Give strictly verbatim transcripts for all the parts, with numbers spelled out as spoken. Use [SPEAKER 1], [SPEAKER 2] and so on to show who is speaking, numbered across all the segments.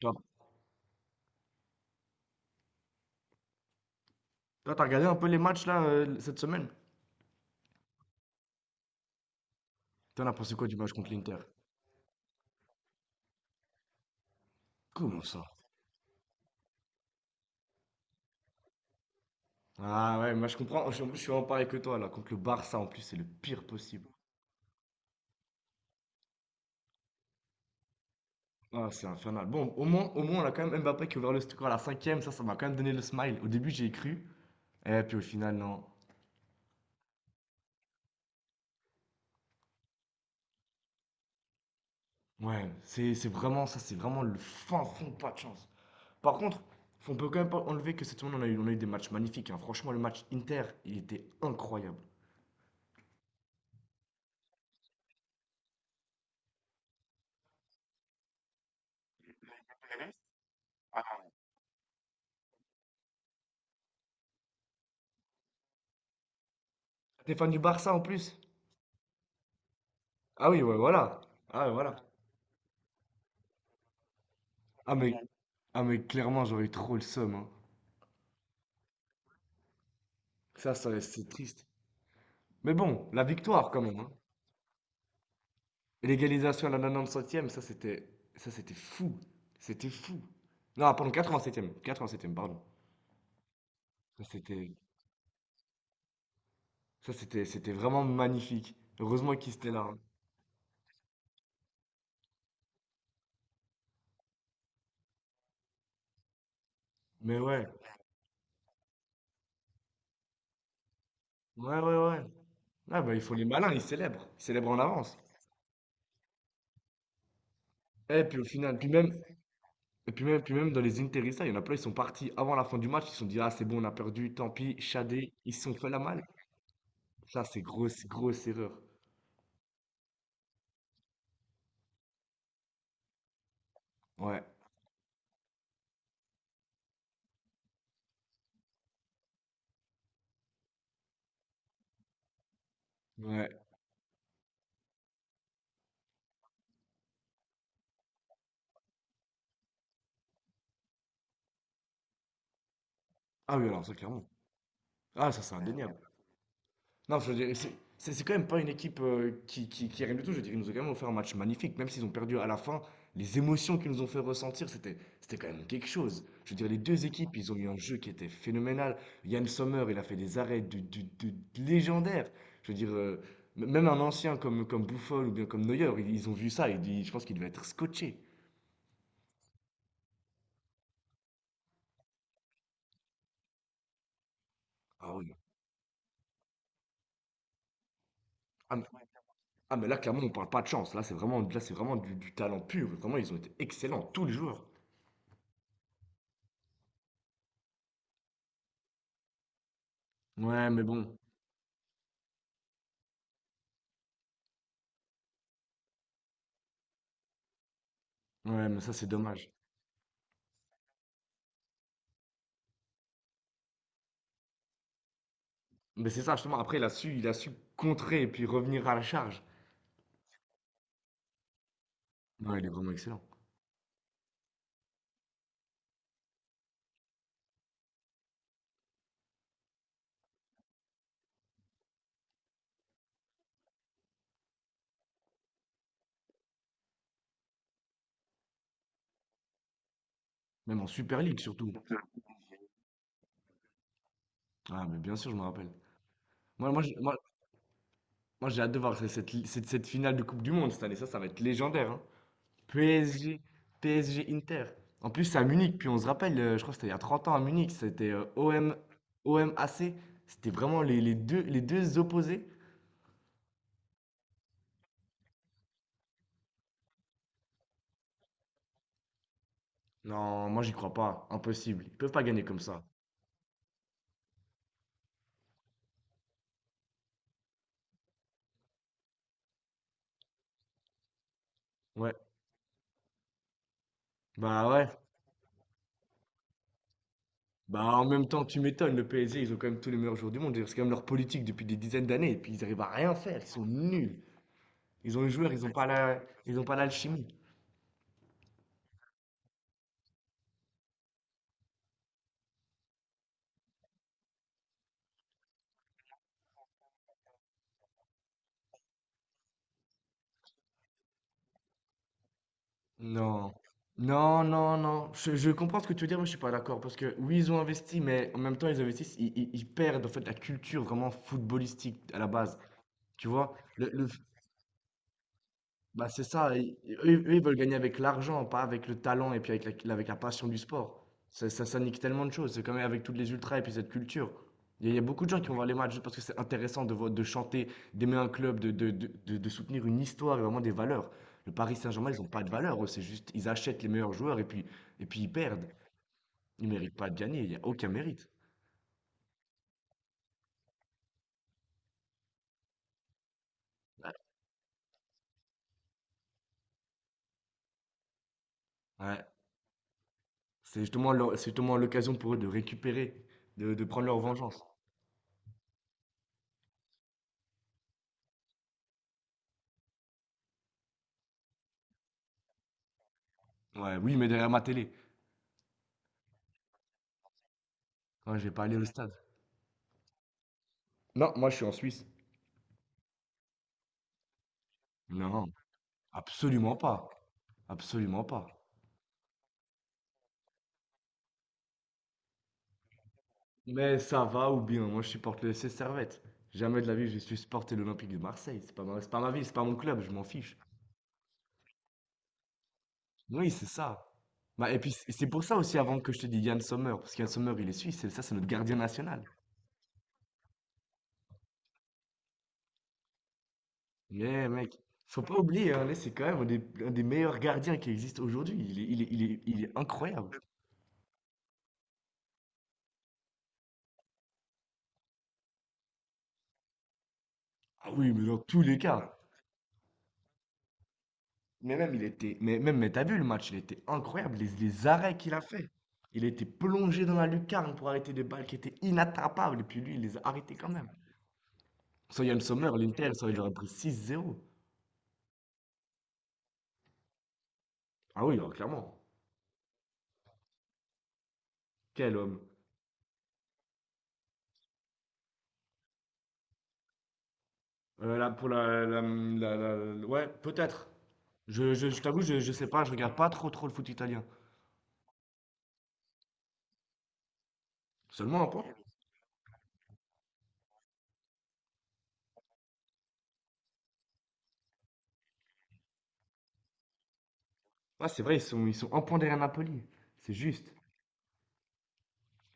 [SPEAKER 1] Toi, toi, t'as regardé un peu les matchs là euh, cette semaine? T'en as pensé quoi du match contre l'Inter? Comment ça? Ah ouais, moi je comprends, je, je suis en pareil que toi là. Contre le Barça en plus, c'est le pire possible. Ah, c'est infernal. Bon, au moins, au moins, on a quand même Mbappé qui a ouvert le score à la cinquième. Ça, ça m'a quand même donné le smile. Au début, j'y ai cru. Et puis au final, non. Ouais, c'est c'est vraiment ça, c'est vraiment le fin fond, pas de chance. Par contre, on peut quand même pas enlever que cette semaine, on a eu, on a eu des matchs magnifiques, hein. Franchement, le match Inter, il était incroyable. T'es fan du Barça en plus? Ah oui, ouais, voilà. Ah ouais, voilà. Ah mais, génial. Ah mais clairement, j'aurais eu trop le seum, hein. Ça, ça, c'est triste. Mais bon, la victoire quand même, hein. Et l'égalisation à la quatre-vingt-dix-septième, ça c'était ça c'était fou. C'était fou. Non, pardon, quatre-vingt-septième. quatre-vingt-septième, pardon. Ça c'était ça c'était c'était vraiment magnifique. Heureusement qu'ils étaient là, hein. Mais ouais. Ouais, ouais, ouais. Ah bah ils font les malins, ils célèbrent. Ils célèbrent en avance. Et puis au final, puis même, et puis même, puis même dans les Interista, il y en a plein, ils sont partis avant la fin du match, ils se sont dit, ah c'est bon, on a perdu, tant pis, Shadé, ils se sont fait la malle. Ça, c'est grosse, grosse erreur. Ouais, ouais. Ah oui, alors ça, clairement. Ah, ça, c'est, ouais, ouais, indéniable. Non, je veux dire, c'est c'est- c'est quand même pas une équipe euh, qui, qui, qui est rien du tout. Je veux dire, ils nous ont quand même offert un match magnifique. Même s'ils ont perdu à la fin, les émotions qu'ils nous ont fait ressentir, c'était, c'était quand même quelque chose. Je veux dire, les deux équipes, ils ont eu un jeu qui était phénoménal. Yann Sommer, il a fait des arrêts de, de, de- de légendaires. Je veux dire, euh, m- même un ancien comme, comme Buffon ou bien comme Neuer, ils, ils ont vu ça. Ils, ils- je pense qu'ils devaient être scotchés. Ah oui. Ah, mais là, clairement, on parle pas de chance. Là, c'est vraiment, là, c'est vraiment du, du talent pur. Vraiment, ils ont été excellents, tous les joueurs. Ouais, mais bon. Ouais, mais ça, c'est dommage. Mais c'est ça, justement. Après, il a su, il a su contrer et puis revenir à la charge. Non, il est vraiment excellent. Même en Super League, surtout. Ah, mais bien sûr, je me rappelle. Moi, moi, je- moi, moi, j'ai hâte de voir cette, cette, cette- cette finale de Coupe du Monde cette année. Ça, ça va être légendaire, hein. P S G, P S G Inter. En plus, c'est à Munich. Puis on se rappelle, euh, je crois que c'était il y a trente ans à Munich. C'était euh, O M, O M A C. C'était vraiment les, les deux, les deux opposés. Non, moi j'y crois pas. Impossible. Ils peuvent pas gagner comme ça. Ouais. Bah ouais. Bah en même temps, tu m'étonnes, le P S G, ils ont quand même tous les meilleurs joueurs du monde. C'est quand même leur politique depuis des dizaines d'années. Et puis ils arrivent à rien faire. Ils sont nuls. Ils ont les joueurs, ils ont pas la... ils ont pas l'alchimie. Non. Non, non, non. Je, je comprends ce que tu veux dire, mais je suis pas d'accord. Parce que oui, ils ont investi, mais en même temps, ils investissent, ils, ils- ils perdent en fait la culture vraiment footballistique à la base. Tu vois, le bah, c'est ça, i eux eux, ils veulent gagner avec l'argent, pas avec le talent et puis avec la avec la passion du sport. Ça ça ça nique tellement de choses, c'est quand même avec toutes les ultras et puis cette culture. Il y a il y a beaucoup de gens qui vont voir les matchs juste parce que c'est intéressant de voi de chanter, d'aimer un club, de de de de de soutenir une histoire et vraiment des valeurs. Le Paris Saint-Germain, ils ont pas de valeurs, eux, c'est juste ils achètent les meilleurs joueurs et puis et puis ils perdent. Ils ne méritent pas de gagner, il y a aucun mérite. Ouais, c'est justement l'o c'est justement l'occasion pour eux de récupérer, de de prendre leur vengeance. Ouais, oui, mais derrière ma télé. Hein, je vais pas aller au stade. Non, moi je suis en Suisse. Non, absolument pas. Absolument pas. Mais ça va ou bien, moi je supporte le F C Servette. Jamais de la vie je suis supporté l'Olympique de Marseille. C'est pas ma, c'est pas ma ville, c'est pas mon club, je m'en fiche. Oui, c'est ça. Bah, et puis c'est c'est pour ça aussi avant que je te dise Yann Sommer, parce qu'Yann Sommer il est suisse, et ça c'est notre gardien national. Mais mec, faut pas oublier, hein, c'est quand même un des, un des meilleurs gardiens qui existe aujourd'hui. Il est, il est- il est- il est incroyable. Ah oui, mais dans tous les cas, mais même, il était. Mais même, mais t'as vu le match, il était incroyable. Les, les arrêts qu'il a fait. Il était plongé dans la lucarne pour arrêter des balles qui étaient inattrapables. Et puis lui, il les a arrêtés quand même. Sans Yann Sommer, l'Inter, ça, il aurait pris six zéro. Ah oui, alors, clairement. Quel homme. Euh, là, pour la, la- la- la- la- ouais, peut-être. Je, je, je t'avoue, je, je sais pas, je regarde pas trop trop le foot italien. Seulement un point. Ouais, c'est vrai, ils sont, ils sont, un point derrière Napoli. C'est juste.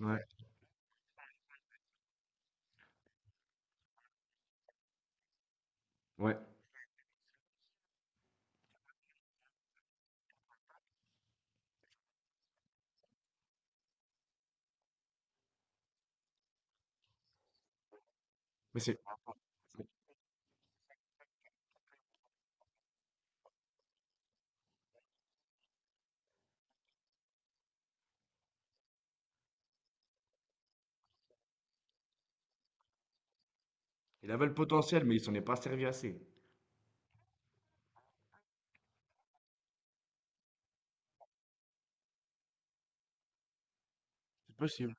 [SPEAKER 1] Ouais, ouais. Mais c'est... Il avait le potentiel, mais il s'en est pas servi assez. C'est possible.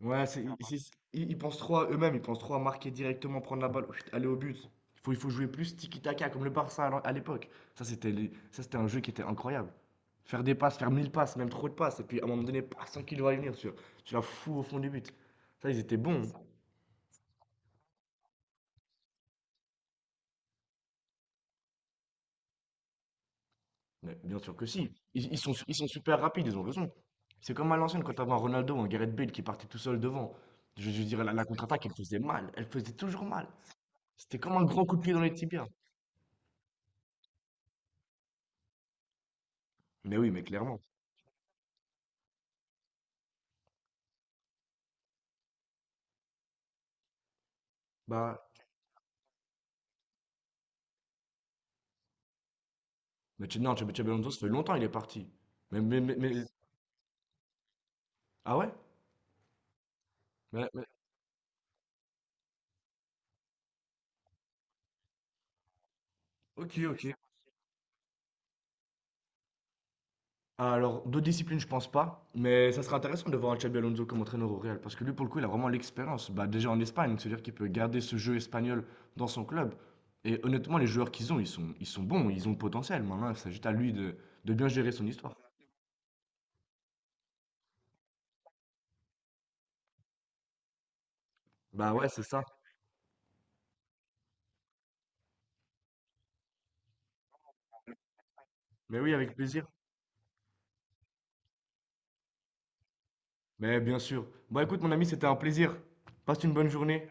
[SPEAKER 1] Ouais, c'est, ils, c'est- ils- ils pensent trop à eux-mêmes, ils pensent trop à marquer directement, prendre la balle, oh, chut, aller au but. Il faut, il faut jouer plus tiki-taka, comme le Barça à l'en- à l'époque. Ça, c'était les- ça, c'était un jeu qui était incroyable. Faire des passes, faire mille passes, même trop de passes, et puis à un moment donné, paf, sans qu'il va y venir, tu, tu la fous au fond du but. Ça, ils étaient bons. Mais bien sûr que si. Ils, ils sont, ils sont super rapides, ils ont raison. C'est comme à l'ancienne, quand t'avais un Ronaldo ou un Gareth Bale qui partait tout seul devant. Je, je dirais, la, la contre-attaque, elle faisait mal. Elle faisait toujours mal. C'était comme un grand coup de pied dans les tibias. Mais oui, mais clairement. Bah, Mais Che- non, Che- Che Belhonzo, ça fait longtemps, il est parti. Mais, mais, mais, mais- ah ouais? Mais- mais- ok, ok. Alors, d'autres disciplines, je pense pas. Mais ça serait intéressant de voir un Xabi Alonso comme entraîneur au Real. Parce que lui, pour le coup, il a vraiment l'expérience. Bah, déjà en Espagne, c'est-à-dire qu'il peut garder ce jeu espagnol dans son club. Et honnêtement, les joueurs qu'ils ont, ils sont, ils sont, bons, ils ont le potentiel. Maintenant, il s'agit à lui de, de bien gérer son histoire. Bah ouais, c'est ça. Mais oui, avec plaisir. Mais bien sûr. Bon, écoute, mon ami, c'était un plaisir. Passe une bonne journée.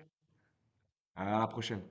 [SPEAKER 1] À la prochaine.